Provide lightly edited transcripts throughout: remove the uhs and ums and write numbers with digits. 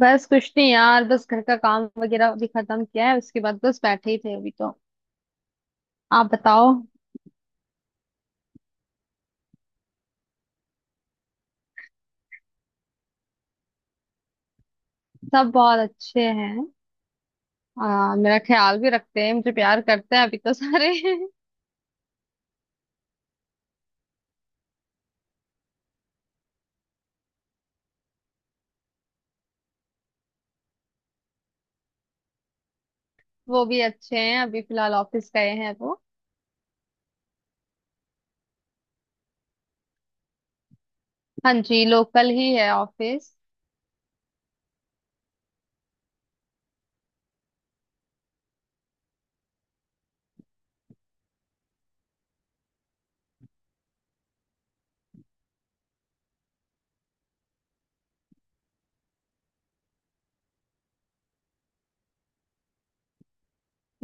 बस कुछ नहीं यार। बस घर का काम वगैरह भी खत्म किया है, उसके बाद बस बैठे ही थे अभी तो। आप बताओ। सब बहुत अच्छे हैं। मेरा ख्याल भी रखते हैं, मुझे प्यार करते हैं अभी तो सारे। वो भी अच्छे हैं, अभी फिलहाल ऑफिस गए हैं वो। हाँ जी, लोकल ही है ऑफिस।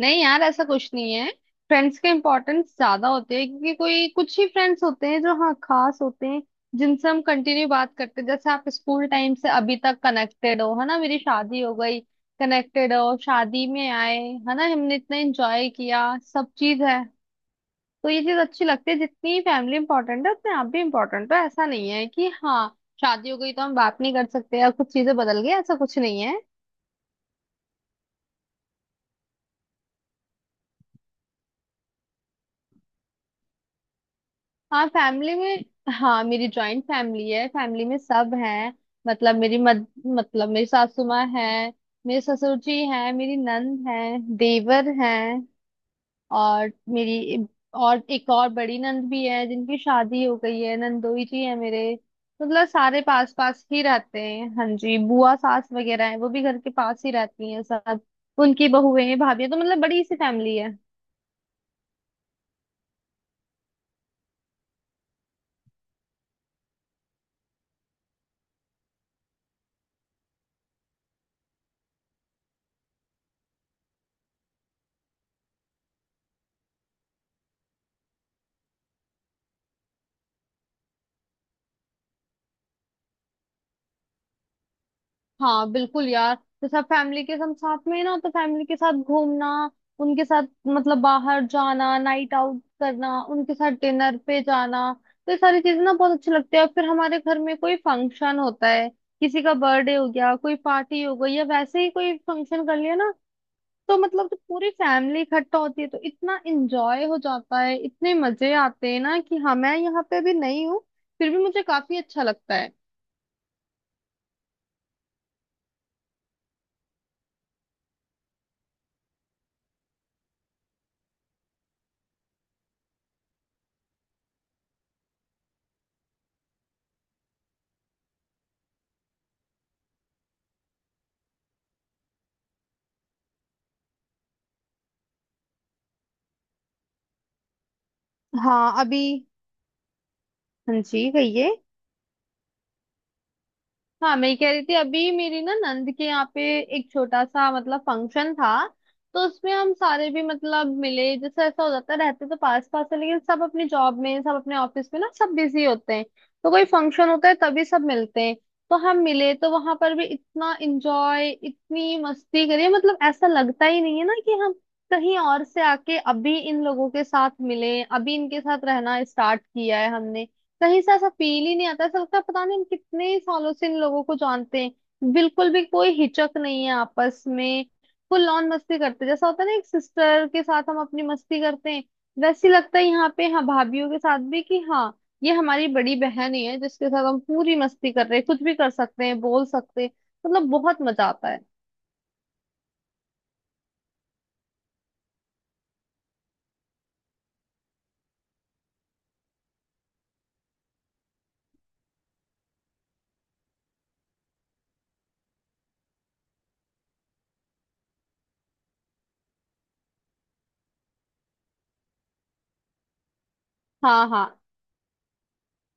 नहीं यार, ऐसा कुछ नहीं है। फ्रेंड्स के इम्पोर्टेंस ज्यादा होते हैं, क्योंकि कोई कुछ ही फ्रेंड्स होते हैं जो हाँ खास होते हैं, जिनसे हम कंटिन्यू बात करते हैं। जैसे आप स्कूल टाइम से अभी तक कनेक्टेड हो, है ना। मेरी शादी हो गई, कनेक्टेड हो, शादी में आए, है ना। हमने इतना एंजॉय किया सब चीज है। तो ये चीज अच्छी लगती है, जितनी फैमिली इंपॉर्टेंट है उतने आप भी इम्पोर्टेंट हो। ऐसा नहीं है कि हाँ शादी हो गई तो हम बात नहीं कर सकते या कुछ चीजें बदल गई, ऐसा कुछ नहीं है। हाँ फैमिली में, हाँ मेरी जॉइंट फैमिली है, फैमिली में सब हैं। मतलब मेरी सासू माँ है, मेरे ससुर जी हैं, मेरी नंद है, देवर हैं, और मेरी और एक और बड़ी नंद भी है जिनकी शादी हो गई है। नंदोई जी है मेरे। मतलब सारे पास पास ही रहते हैं। हाँ जी, बुआ सास वगैरह है, वो भी घर के पास ही रहती हैं सब। उनकी बहुएं भाभी, तो मतलब बड़ी सी फैमिली है। हाँ बिल्कुल यार। तो सब फैमिली के हम साथ में है ना, तो फैमिली के साथ घूमना, उनके साथ मतलब बाहर जाना, नाइट आउट करना, उनके साथ डिनर पे जाना, तो ये सारी चीजें ना बहुत अच्छी लगती है। और फिर हमारे घर में कोई फंक्शन होता है, किसी का बर्थडे हो गया, कोई पार्टी हो गई, या वैसे ही कोई फंक्शन कर लिया ना, तो मतलब जो पूरी फैमिली इकट्ठा होती है तो इतना एंजॉय हो जाता है, इतने मजे आते हैं ना कि हाँ मैं यहाँ पे अभी नहीं हूँ, फिर भी मुझे काफी अच्छा लगता है। हाँ अभी। हाँ जी कहिए। हाँ मैं कह रही थी, अभी मेरी ना नंद के यहाँ पे एक छोटा सा मतलब फंक्शन था, तो उसमें हम सारे भी मतलब मिले। जैसे ऐसा हो जाता है, रहते तो पास पास है लेकिन सब अपनी जॉब में, सब अपने ऑफिस में ना, सब बिजी होते हैं। तो कोई फंक्शन होता है तभी सब मिलते हैं। तो हम मिले तो वहां पर भी इतना एंजॉय, इतनी मस्ती करी। मतलब ऐसा लगता ही नहीं है ना कि हम कहीं और से आके अभी इन लोगों के साथ मिले, अभी इनके साथ रहना स्टार्ट किया है हमने। कहीं से ऐसा फील ही नहीं आता, ऐसा लगता है पता नहीं हम कितने सालों से इन लोगों को जानते हैं, बिल्कुल भी कोई हिचक नहीं है आपस में, फुल ऑन मस्ती करते हैं। जैसा होता है ना एक सिस्टर के साथ हम अपनी मस्ती करते हैं, वैसे ही लगता है यहाँ पे हाँ भाभीियों के साथ भी, कि हाँ ये हमारी बड़ी बहन ही है जिसके साथ हम पूरी मस्ती कर रहे हैं, कुछ भी कर सकते हैं बोल सकते हैं। मतलब बहुत मजा आता है। हाँ हाँ।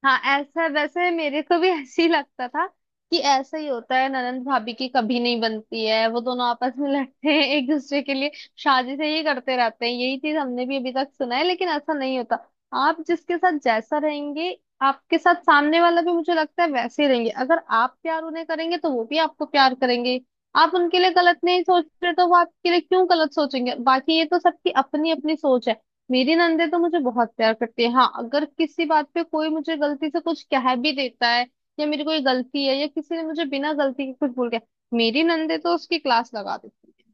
हाँ ऐसा वैसे मेरे को भी ऐसे ही लगता था कि ऐसा ही होता है, ननंद भाभी की कभी नहीं बनती है, वो दोनों आपस में लड़ते हैं एक दूसरे के लिए, शादी से ही करते रहते हैं, यही चीज हमने भी अभी तक सुना है। लेकिन ऐसा नहीं होता। आप जिसके साथ जैसा रहेंगे, आपके साथ सामने वाला भी मुझे लगता है वैसे ही रहेंगे। अगर आप प्यार उन्हें करेंगे तो वो भी आपको प्यार करेंगे। आप उनके लिए गलत नहीं सोच रहे तो वो आपके लिए क्यों गलत सोचेंगे। बाकी ये तो सबकी अपनी अपनी सोच है। मेरी नंदे तो मुझे बहुत प्यार करती है। हाँ अगर किसी बात पे कोई मुझे गलती से कुछ कह भी देता है, या मेरी कोई गलती है या किसी ने मुझे बिना गलती के कुछ बोल गया, मेरी नंदे तो उसकी क्लास लगा देती है।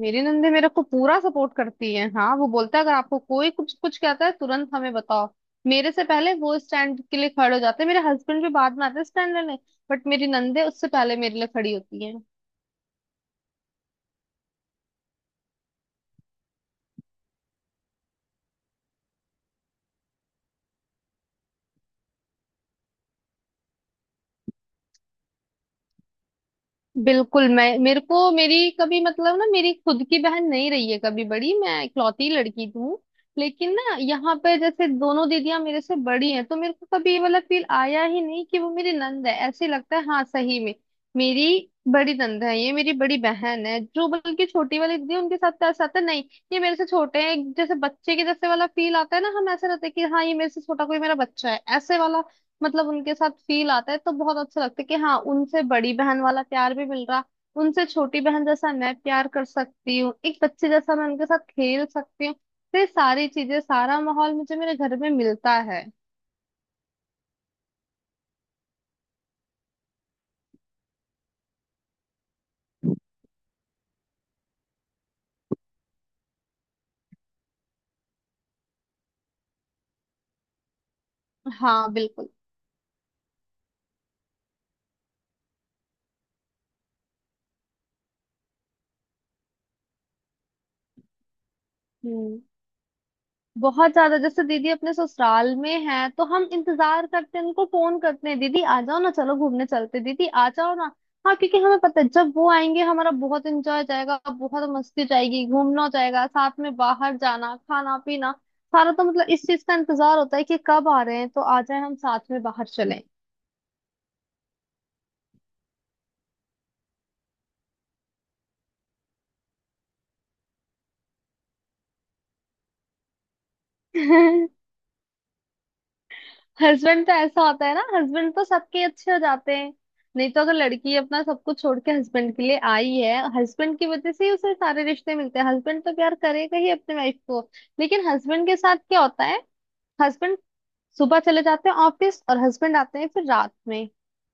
मेरी नंदे मेरे को पूरा सपोर्ट करती है। हाँ वो बोलता है अगर आपको कोई कुछ कुछ कहता है तुरंत हमें बताओ। मेरे से पहले वो स्टैंड के लिए खड़े हो जाते हैं, मेरे हस्बैंड भी बाद में आते हैं स्टैंड लेने, बट मेरी नंदे उससे पहले मेरे लिए खड़ी होती है। बिल्कुल, मैं मेरे को मेरी कभी मतलब ना, मेरी खुद की बहन नहीं रही है कभी बड़ी, मैं इकलौती लड़की हूँ। लेकिन ना यहाँ पे जैसे दोनों दीदियां मेरे से बड़ी हैं, तो मेरे को कभी ये वाला फील आया ही नहीं कि वो मेरी नंद है। ऐसे लगता है हाँ सही में मेरी बड़ी नंद है, ये मेरी बड़ी बहन है। जो बल्कि छोटी वाली दीदी है, उनके साथ तो ऐसा आता है, नहीं ये मेरे से छोटे हैं, जैसे बच्चे के जैसे वाला फील आता है ना। हम ऐसे रहते हैं कि हाँ ये मेरे से छोटा कोई मेरा बच्चा है, ऐसे वाला मतलब उनके साथ फील आता है। तो बहुत अच्छा लगता है कि हाँ उनसे बड़ी बहन वाला प्यार भी मिल रहा, उनसे छोटी बहन जैसा मैं प्यार कर सकती हूँ, एक बच्चे जैसा मैं उनके साथ खेल सकती हूँ, तो ये सारी चीजें सारा माहौल मुझे मेरे घर में मिलता है। हाँ बिल्कुल। हम्म, बहुत ज्यादा। जैसे दीदी अपने ससुराल में है तो हम इंतजार करते हैं, उनको फोन करते हैं, दीदी आ जाओ ना, चलो घूमने चलते हैं, दीदी आ जाओ ना। हाँ क्योंकि हमें पता है जब वो आएंगे हमारा बहुत एंजॉय जाएगा, बहुत मस्ती जाएगी, घूमना हो जाएगा, साथ में बाहर जाना खाना पीना सारा। तो मतलब इस चीज का इंतजार होता है कि कब आ रहे हैं, तो आ जाए हम साथ में बाहर चलें। हस्बैंड तो ऐसा होता है ना, हस्बैंड तो सबके अच्छे हो जाते हैं। नहीं तो अगर लड़की अपना सब कुछ छोड़ के हस्बैंड के लिए आई है, हस्बैंड की वजह से ही उसे सारे रिश्ते मिलते हैं, हस्बैंड तो प्यार करेगा ही अपने वाइफ को। लेकिन हस्बैंड के साथ क्या होता है, हस्बैंड सुबह चले जाते हैं ऑफिस और हस्बैंड आते हैं फिर रात में,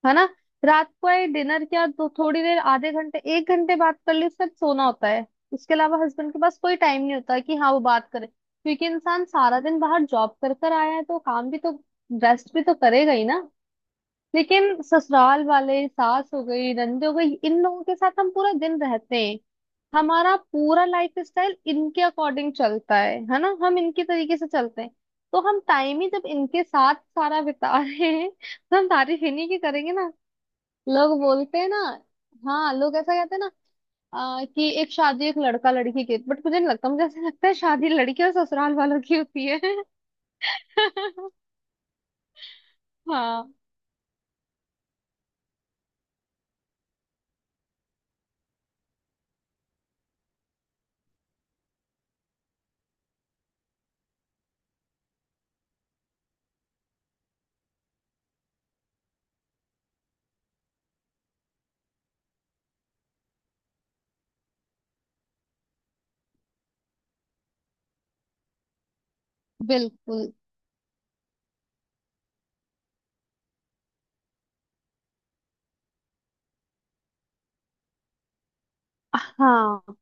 है ना। रात को आए, डिनर किया, तो थोड़ी देर आधे घंटे एक घंटे बात कर ली, उससे सोना होता है। उसके अलावा हस्बैंड के पास कोई टाइम नहीं होता कि हाँ वो बात करे, क्योंकि इंसान सारा दिन बाहर जॉब कर कर आया है, तो काम भी तो, रेस्ट भी तो करेगा ही ना। लेकिन ससुराल वाले, सास हो गई नंद हो गई, इन लोगों के साथ हम पूरा दिन रहते हैं। हमारा पूरा लाइफ स्टाइल इनके अकॉर्डिंग चलता है ना, हम इनके तरीके से चलते हैं। तो हम टाइम ही जब इनके साथ सारा बिता रहे हैं तो हम तारीफ इन्हीं की करेंगे ना। लोग बोलते हैं ना, हाँ लोग ऐसा कहते हैं ना, कि एक शादी एक लड़का लड़की की, बट मुझे नहीं लगता। मुझे ऐसा लगता है शादी लड़की और ससुराल वालों की होती है। हाँ बिल्कुल। हाँ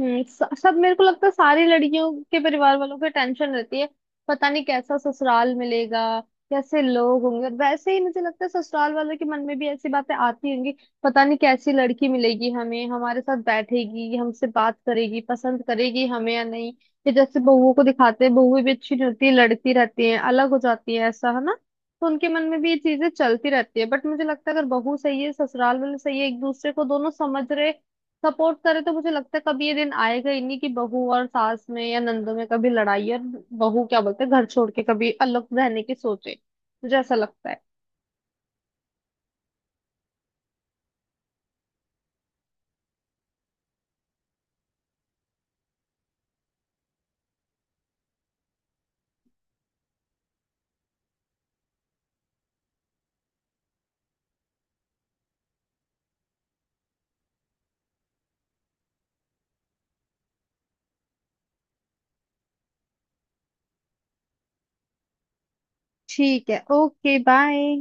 हम्म। सब मेरे को लगता है सारी लड़कियों के परिवार वालों को टेंशन रहती है, पता नहीं कैसा ससुराल मिलेगा, कैसे लोग होंगे। और वैसे ही मुझे लगता है ससुराल वालों के मन में भी ऐसी बातें आती होंगी, पता नहीं कैसी लड़की मिलेगी हमें, हमारे साथ बैठेगी, हमसे बात करेगी, पसंद करेगी हमें या नहीं। ये जैसे बहुओं को दिखाते हैं, बहुएं भी अच्छी नहीं होती, लड़ती रहती हैं, अलग हो जाती है, ऐसा है ना, तो उनके मन में भी ये चीजें चलती रहती है। बट मुझे लगता है अगर बहू सही है, ससुराल वाले सही है, एक दूसरे को दोनों समझ रहे, सपोर्ट करे, तो मुझे लगता है कभी ये दिन आएगा ही नहीं कि बहू और सास में या नंदों में कभी लड़ाई, और बहू क्या बोलते हैं घर छोड़ के कभी अलग रहने की सोचे। मुझे ऐसा लगता है। ठीक है, ओके बाय।